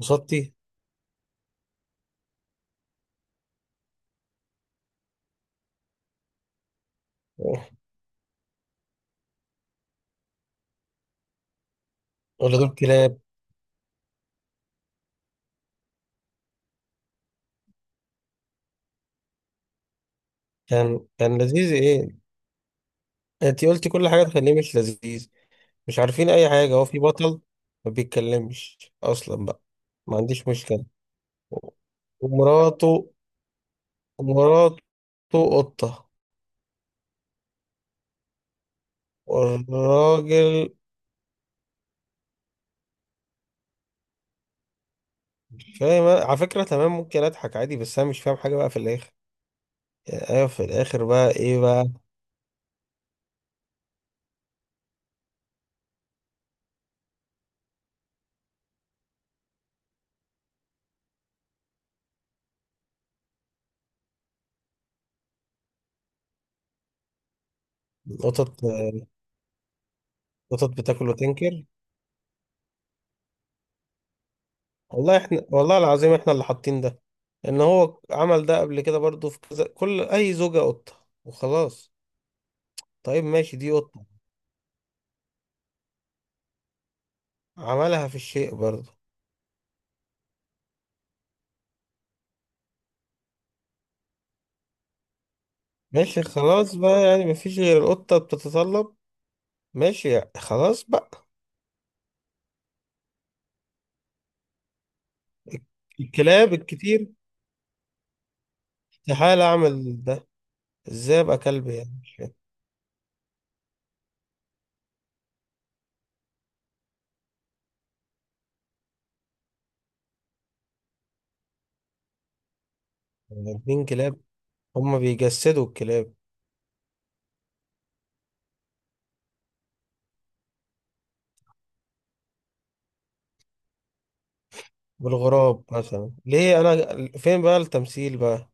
قصادتي. ولا دول كلاب. كان لذيذ ايه؟ انت قلتي كل حاجه تخليه مش لذيذ. مش عارفين اي حاجه، هو في بطل ما بيتكلمش اصلا بقى. ما عنديش مشكله. ومراته، مراته قطه. والراجل مش فاهم على فكره، تمام، ممكن اضحك عادي بس انا مش فاهم حاجه بقى في الاخر. يعني ايوه في الاخر بقى ايه بقى؟ قطط. قطط بتاكل وتنكر. والله احنا والله العظيم احنا اللي حاطين ده، ان هو عمل ده قبل كده برضو في كذا، كل اي زوجة قطة وخلاص. طيب ماشي دي قطة، عملها في الشيء برضو. ماشي خلاص بقى، يعني مفيش غير القطة بتتطلب. ماشي يعني خلاص بقى. الكلاب الكتير. استحالة اعمل ده، ازاي ابقى كلب، يعني مش فاهم. يعني اتنين كلاب هما بيجسدوا الكلاب. بالغراب مثلا ليه؟ انا فين بقى التمثيل بقى؟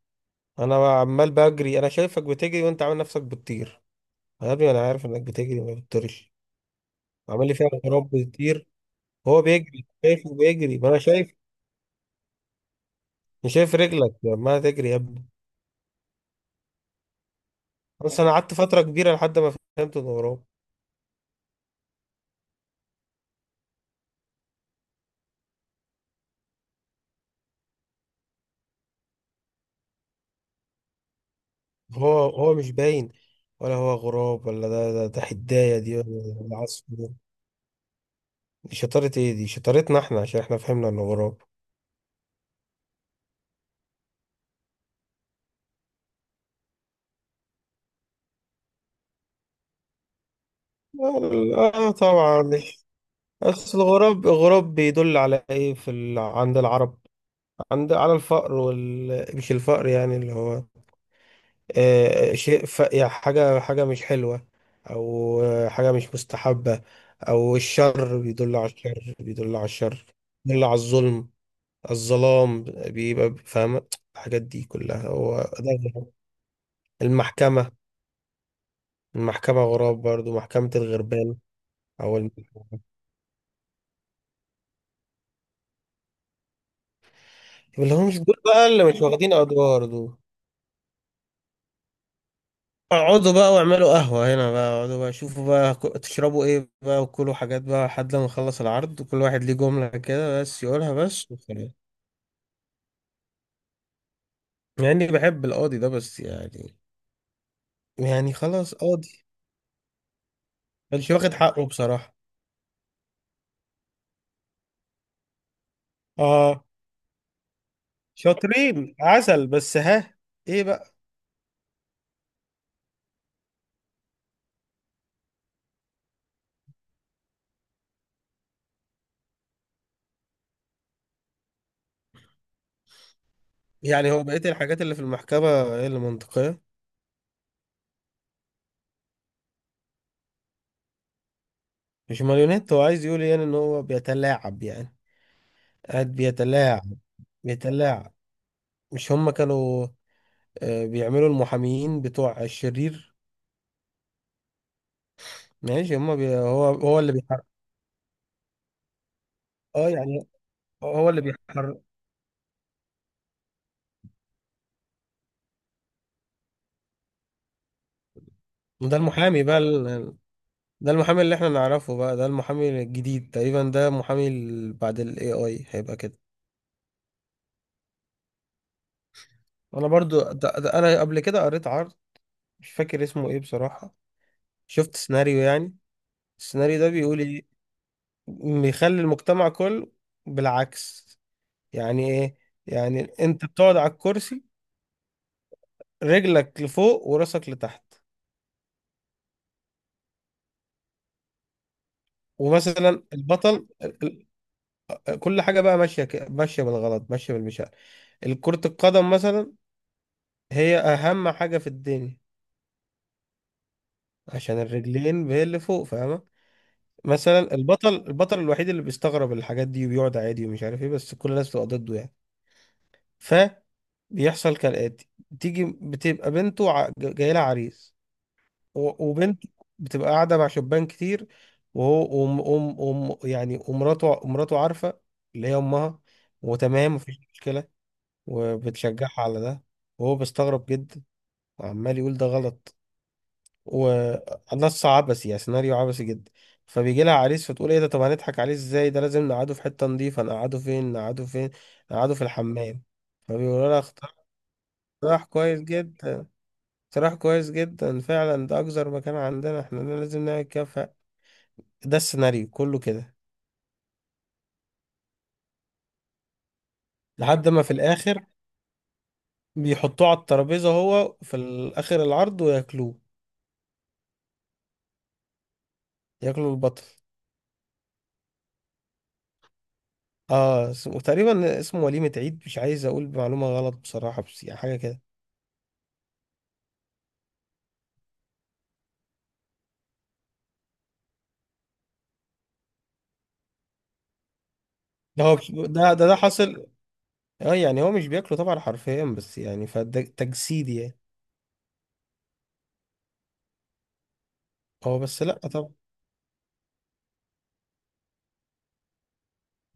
انا بقى عمال بجري، انا شايفك بتجري وانت عامل نفسك بتطير. يا ابني انا عارف انك بتجري ما بتطيرش. عامل لي فيها غراب بتطير. بيجري، شايفه بيجري، ما انا شايف. أنا شايف رجلك لما تجري يا ابني. بس انا قعدت فتره كبيره لحد ما فهمت انه غراب. هو مش باين، ولا هو غراب ولا ده حدايه دي، ولا ده عصفور. دي شطاره ايه؟ دي شطارتنا احنا عشان احنا فهمنا انه غراب. اه آه، طبعا مش. اصل الغراب بيدل على ايه في ال... عند العرب؟ عند، على الفقر، وال مش الفقر، يعني اللي هو آه، شيء ف... يعني حاجة مش حلوة، أو آه، حاجة مش مستحبة، أو الشر. بيدل على الشر، بيدل على الظلم، الظلام، بيبقى فاهمة. الحاجات دي كلها هو ده غراب. المحكمة. المحكمة غراب برضو، محكمة الغربان. أو الم-. اللي هم مش دول بقى اللي مش واخدين أدوار دول. اقعدوا بقى واعملوا قهوة هنا بقى، اقعدوا بقى شوفوا بقى تشربوا ايه بقى وكلوا حاجات بقى لحد لما نخلص العرض، وكل واحد ليه جملة كده بس يقولها بس وخلاص. مع اني بحب القاضي ده بس يعني، يعني خلاص قاضي، يعني مش واخد حقه بصراحة. اه. شاطرين عسل بس ها، ايه بقى؟ يعني هو بقية الحاجات اللي في المحكمة ايه اللي منطقية؟ مش ماريونيت، هو عايز يقول يعني ان هو بيتلاعب، يعني قاعد بيتلاعب. بيتلاعب مش هما كانوا آه، بيعملوا المحاميين بتوع الشرير؟ ماشي، هما بي... هو هو اللي بيحرك. اه يعني هو اللي بيحرك. ده المحامي بقى ال... ده المحامي اللي احنا نعرفه بقى، ده المحامي الجديد تقريبا، ده محامي ال- بعد الاي اي هيبقى كده. انا برضو ده... ده انا قبل كده قريت عرض مش فاكر اسمه ايه بصراحة. شفت سيناريو يعني، السيناريو ده بيقول ايه؟ بيخلي المجتمع كله بالعكس. يعني ايه؟ يعني انت بتقعد على الكرسي رجلك لفوق وراسك لتحت. ومثلا البطل ال- ال- كل حاجه بقى ماشيه ماشيه بالغلط، ماشيه بالمشاعر. كرة القدم مثلا هي اهم حاجه في الدنيا عشان الرجلين هي اللي فوق، فاهمه؟ مثلا البطل الوحيد اللي بيستغرب الحاجات دي وبيقعد عادي ومش عارف ايه، بس كل الناس بتبقى ضده يعني. ف بيحصل كالآتي، تيجي بتبقى بنته جاي لها عريس، وبنت بتبقى قاعدة مع شبان كتير، وهو وم أم أم يعني، ومراته، ومراته عارفة، اللي هي أمها، وتمام مفيش مشكلة، وبتشجعها على ده. وهو بيستغرب جدا وعمال يقول ده غلط. ونص عبثي، يعني سيناريو عبثي جدا. فبيجي لها عريس، فتقول ايه ده؟ طب هنضحك عليه ازاي؟ ده لازم نقعده في حتة نظيفة، نقعده فين؟ نقعده في الحمام. فبيقولوا لها اختار. اقتراح كويس جدا، فعلا ده اكثر مكان عندنا احنا، ده لازم نعمل كده. ف-، ده السيناريو كله كده. لحد ما في الاخر بيحطوه على الترابيزة، هو في الاخر العرض، وياكلوه. ياكلوا البطل. اه اسمه تقريبا اسمه وليمة عيد، مش عايز اقول معلومة غلط بصراحة بس يعني حاجة كده. ده هو مش- ده ده حاصل. اه يعني هو مش بياكله طبعا حرفيا بس يعني فده تجسيد يعني. هو بس لا طبعا.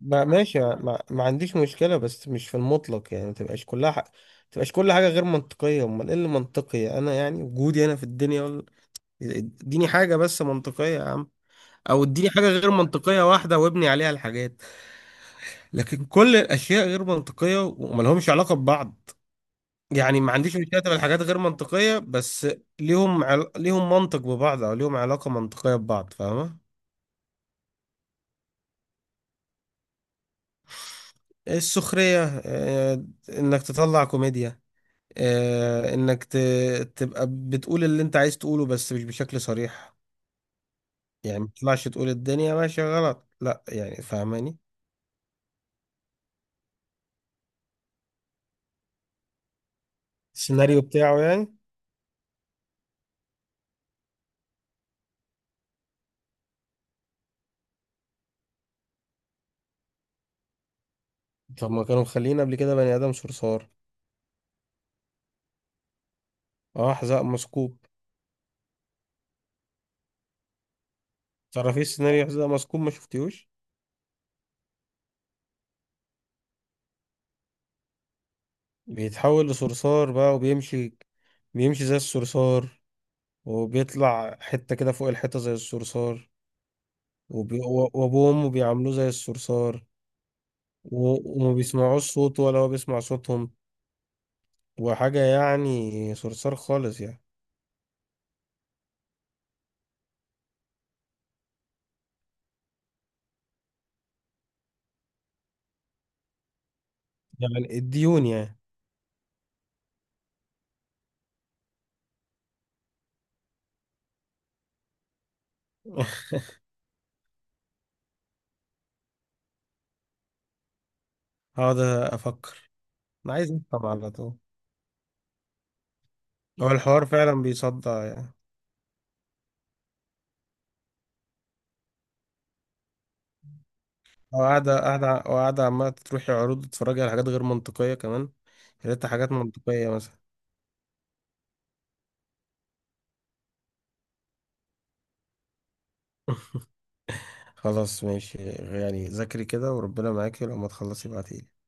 ماشي، ما عنديش مشكلة، بس مش في المطلق، يعني ما تبقاش كلها حق. تبقاش كل حاجة غير منطقية، امال ايه اللي منطقي؟ انا يعني وجودي انا في الدنيا ولا؟ اديني حاجة بس منطقية يا عم، او اديني حاجة غير منطقية واحدة وابني عليها الحاجات. لكن كل الاشياء غير منطقية وملهمش علاقة ببعض. يعني ما عنديش مشكله تبقى الحاجات غير منطقيه، بس ليهم عل... ليهم منطق ببعض، او ليهم علاقه منطقيه ببعض، فاهمه؟ السخريه، آه، انك تطلع كوميديا، آه، انك ت... تبقى بتقول اللي انت عايز تقوله بس مش بشكل صريح. يعني ما تطلعش تقول الدنيا ماشيه غلط، لا، يعني فاهماني. السيناريو بتاعه يعني. طب ما كانوا مخليين قبل كده بني ادم صرصار، اه، حذاء مسكوب. تعرفي إيه السيناريو حذاء مسكوب؟ ما شفتيهوش؟ بيتحول لصرصار بقى وبيمشي، بيمشي زي الصرصار، وبيطلع حتة كده فوق الحيطة زي الصرصار، وبي... وأبوه وأمه بيعاملوه زي الصرصار، و... وما بيسمعوش صوته ولا هو بيسمع صوتهم، وحاجة يعني صرصار خالص يعني. يعني الديون يعني. هقعد أفكر. أنا عايز أفهم على طول، هو الحوار فعلا بيصدع يعني. هو قاعدة عمالة تروحي عروض تتفرجي على حاجات غير منطقية كمان. يا ريت حاجات منطقية مثلا. خلاص ماشي يعني، ذاكري كده وربنا معاكي، ولما تخلصي ابعتيلي.